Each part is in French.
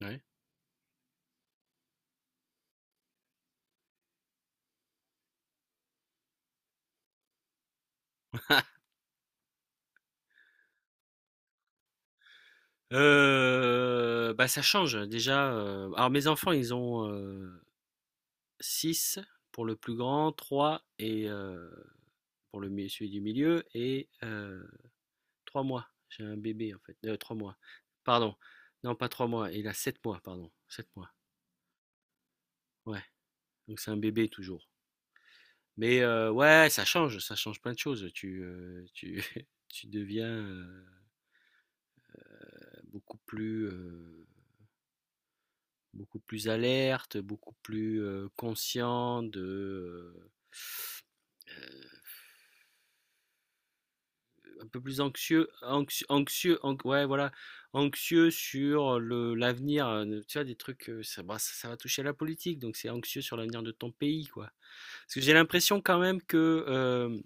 Ouais. Bah, ça change déjà, alors mes enfants ils ont 6 pour le plus grand, 3, et pour le mi celui du milieu, et 3 mois. J'ai un bébé en fait, 3 mois, pardon. Non, pas 3 mois, il a 7 mois, pardon, 7 mois, ouais, donc c'est un bébé toujours. Mais ouais, ça change, plein de choses, tu tu deviens, beaucoup plus, heu beaucoup plus alerte, beaucoup plus, conscient de euh, un peu plus anxieux, ouais, voilà, anxieux sur le l'avenir, tu vois des trucs, ça, bah, ça va toucher à la politique, donc c'est anxieux sur l'avenir de ton pays, quoi. Parce que j'ai l'impression quand même que, euh,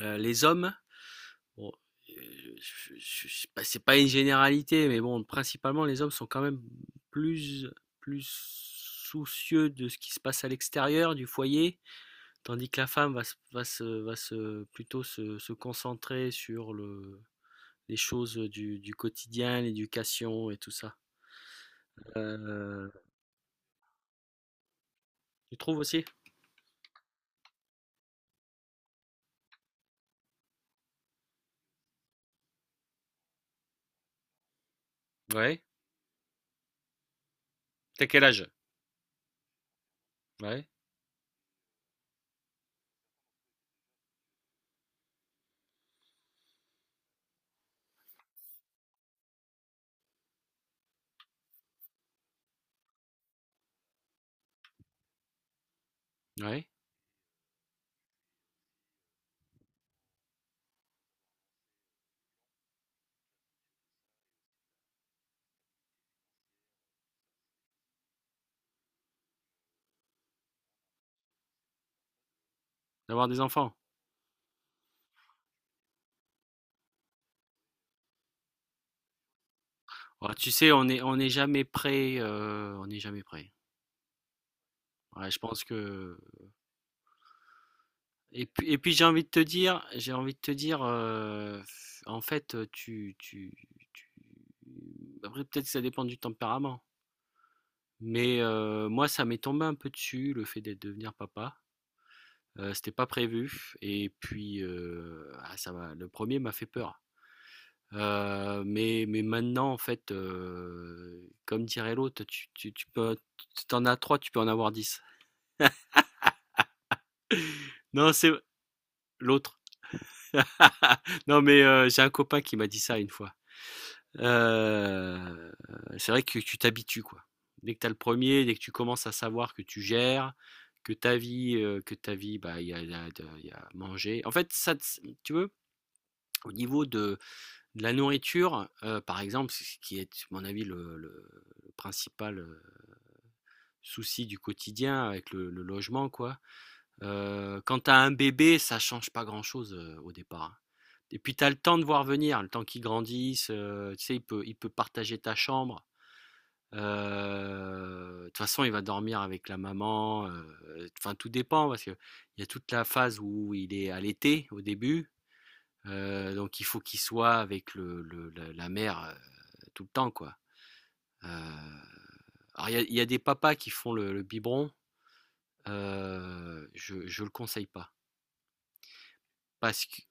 euh, les hommes, bon, euh, bah, c'est pas une généralité, mais bon, principalement les hommes sont quand même plus soucieux de ce qui se passe à l'extérieur du foyer. Tandis que la femme va se, va se, va se plutôt se, se concentrer sur les choses du quotidien, l'éducation, et tout ça. Euh, Tu trouves aussi? Ouais. T'as quel âge? Ouais. Ouais. D'avoir des enfants. Ouais, tu sais, on n'est jamais prêt, on n'est jamais prêt. Ouais, je pense que. Et puis, j'ai envie de te dire, en fait, tu... Après, peut-être que ça dépend du tempérament. Mais moi, ça m'est tombé un peu dessus, le fait d'être devenir papa. C'était pas prévu et puis, ah, ça m'a le premier m'a fait peur. Mais maintenant, en fait, comme dirait l'autre, tu peux, si tu en as 3, tu peux en avoir 10. Non, c'est l'autre. Non, mais j'ai un copain qui m'a dit ça une fois. Euh, c'est vrai que tu t'habitues, quoi. Dès que tu as le premier, dès que tu commences à savoir que tu gères, que ta vie, bah, il y a manger. En fait, ça, tu veux, au niveau de la nourriture, par exemple, ce qui est, à mon avis, le principal souci du quotidien, avec le logement, quoi. Quand tu as un bébé, ça change pas grand-chose, au départ, hein. Et puis, tu as le temps de voir venir, le temps qu'il grandisse, tu sais, il peut partager ta chambre. De toute façon, il va dormir avec la maman, enfin, tout dépend, parce qu'il y a toute la phase où il est allaité au début, donc il faut qu'il soit avec le la la mère, tout le temps, quoi. Heu, alors, il y a des papas qui font le biberon, je le conseille pas, parce que...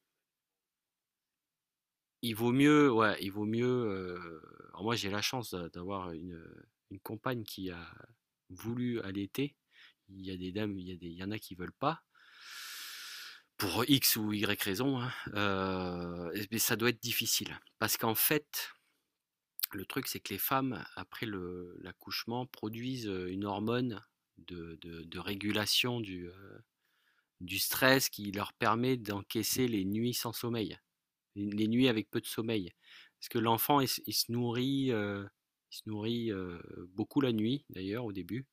Il vaut mieux, ouais, il vaut mieux, alors moi, j'ai la chance d'avoir une compagne qui a voulu allaiter. Il y a des dames, il y en a qui veulent pas pour X ou Y raison, hein. Mais ça doit être difficile, parce qu'en fait, le truc, c'est que les femmes après l'accouchement produisent, une hormone de régulation du stress, qui leur permet d'encaisser les nuits sans sommeil les nuits avec peu de sommeil. Parce que l'enfant, il se nourrit, il se nourrit euh, beaucoup la nuit, d'ailleurs, au début.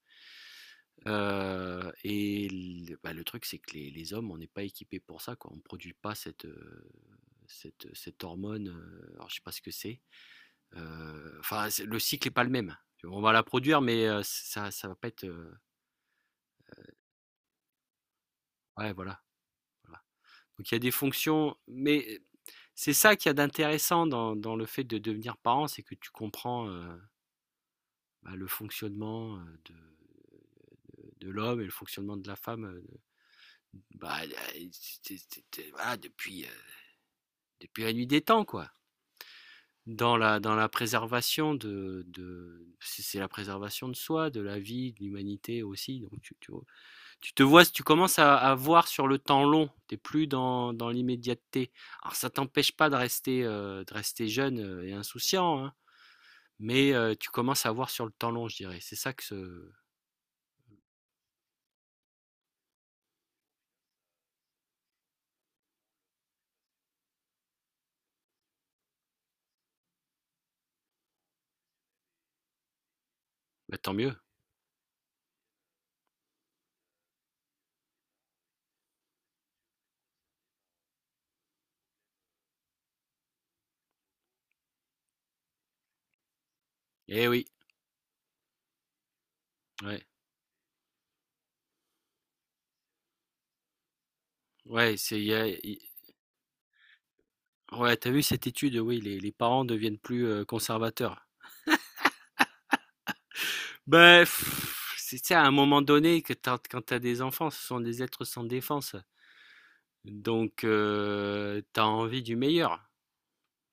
Et le, bah, le truc, c'est que les, hommes, on n'est pas équipés pour ça, quoi. On ne produit pas cette hormone, alors je ne sais pas ce que c'est. Enfin, le cycle n'est pas le même. On va la produire, mais, ça va pas être, ouais, voilà, voilà. Donc il y a des fonctions, mais c'est ça qu'il y a d'intéressant dans le fait de devenir parent, c'est que tu comprends, bah, le fonctionnement, de l'homme et le fonctionnement de la femme, bah, voilà, depuis la nuit des temps, quoi. Dans la préservation de c'est la préservation de soi, de la vie, de l'humanité aussi. Donc tu, tu te vois, tu commences à voir sur le temps long. T'es plus dans l'immédiateté. Alors, ça t'empêche pas de rester, jeune et insouciant, hein, mais, tu commences à voir sur le temps long, je dirais. C'est ça que bah, tant mieux. Eh oui, ouais. Ouais, c'est, il y a- il- ouais, t'as vu cette étude, oui, les, parents deviennent plus, conservateurs. Ben, pff, c'est à un moment donné que t'as- quand t'as des enfants, ce sont des êtres sans défense. Donc, t'as envie du meilleur.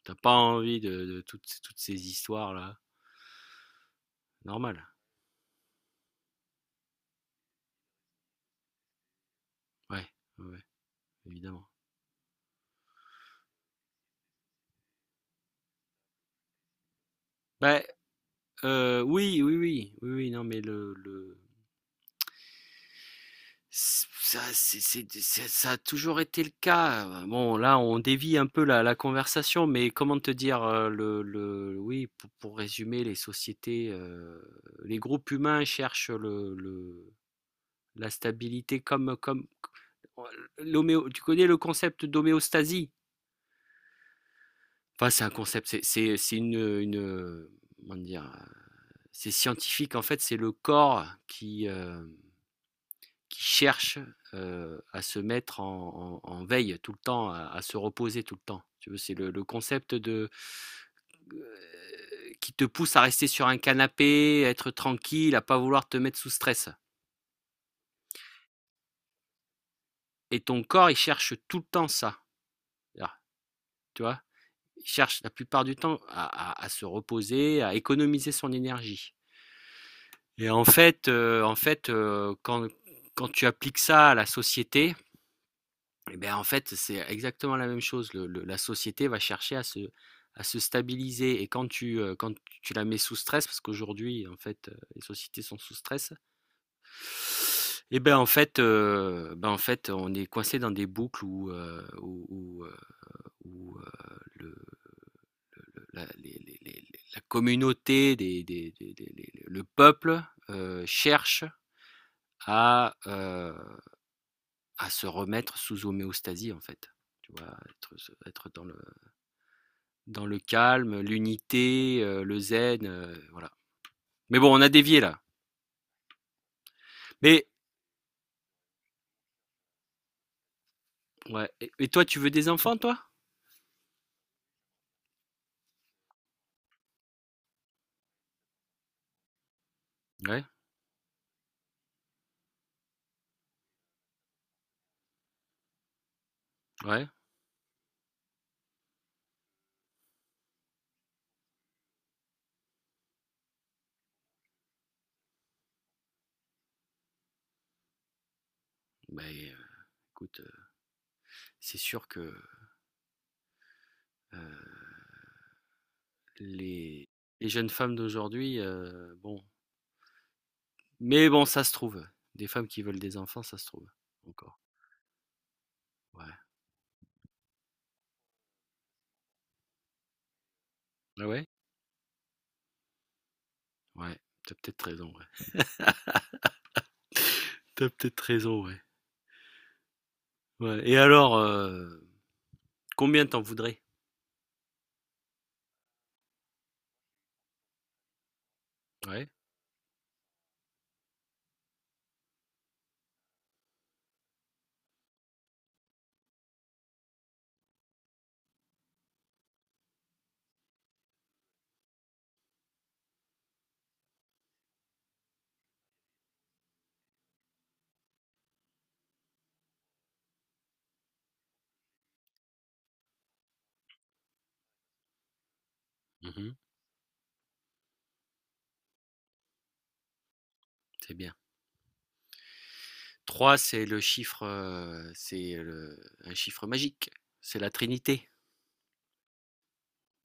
T'as pas envie de toutes, toutes ces histoires-là. Normal. Ouais, ouais, évidemment. Ben, oui, oui, oui, oui, oui, non, mais le, ça c'est ça a toujours été le cas, bon, là on dévie un peu la conversation, mais comment te dire, le oui, pour résumer les sociétés, les groupes humains cherchent le la stabilité, comme oh, l'homéo tu connais le concept d'homéostasie? Enfin, c'est un concept, une, comment dire? C'est scientifique en fait, c'est le corps qui cherchent, à se mettre en veille tout le temps, à se reposer tout le temps. Tu vois, c'est le concept de euh, qui te pousse à rester sur un canapé, à être tranquille, à pas vouloir te mettre sous stress. Et ton corps, il cherche tout le temps ça. Là, tu vois, il cherche la plupart du temps à, à se reposer, à économiser son énergie. Et en fait, quand tu appliques ça à la société, et beh, en fait, c'est exactement la même chose. Le, la société va chercher à se, stabiliser, et quand tu la mets sous stress, parce qu'aujourd'hui, en fait, les sociétés sont sous stress. Et ben, en fait, on est coincé dans des boucles où le le la les la communauté des les le peuple, cherche à, heu, à se remettre sous homéostasie, en fait. Tu vois? Être dans le calme, l'unité, le zen, voilà. Mais bon, on a dévié là. Mais ouais, et toi, tu veux des enfants, toi? Ouais, ouais. Beh, heu, écoute, c'est sûr que, heu, les jeunes femmes d'aujourd'hui, bon, mais bon, ça se trouve, des femmes qui veulent des enfants, ça se trouve encore. Ouais. Ah ouais? Ouais, t'as peut-être raison, ouais. Tu peut-être raison, ouais. Ouais, et alors, combien t'en voudrais? Ouais. Mmh. C'est bien. 3, c'est le chiffre, c'est le un chiffre magique, c'est la Trinité.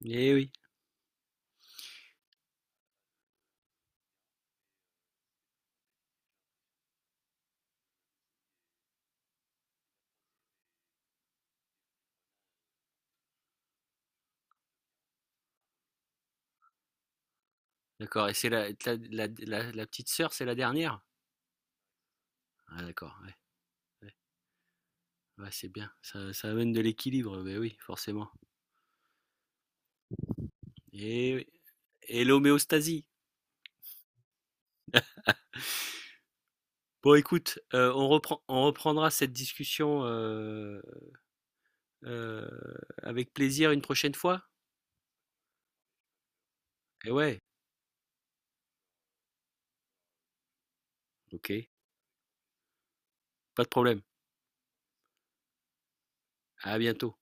Eh oui, d'accord, et c'est la petite sœur, c'est la dernière? Ah, d'accord, ouais, ouais, ouais, c'est bien, ça amène de l'équilibre, beh oui, forcément. Eh oui, et l'homéostasie. Bon, écoute, on reprendra cette discussion, heu, avec plaisir, une prochaine fois? Eh ouais, OK, pas de problème. À bientôt.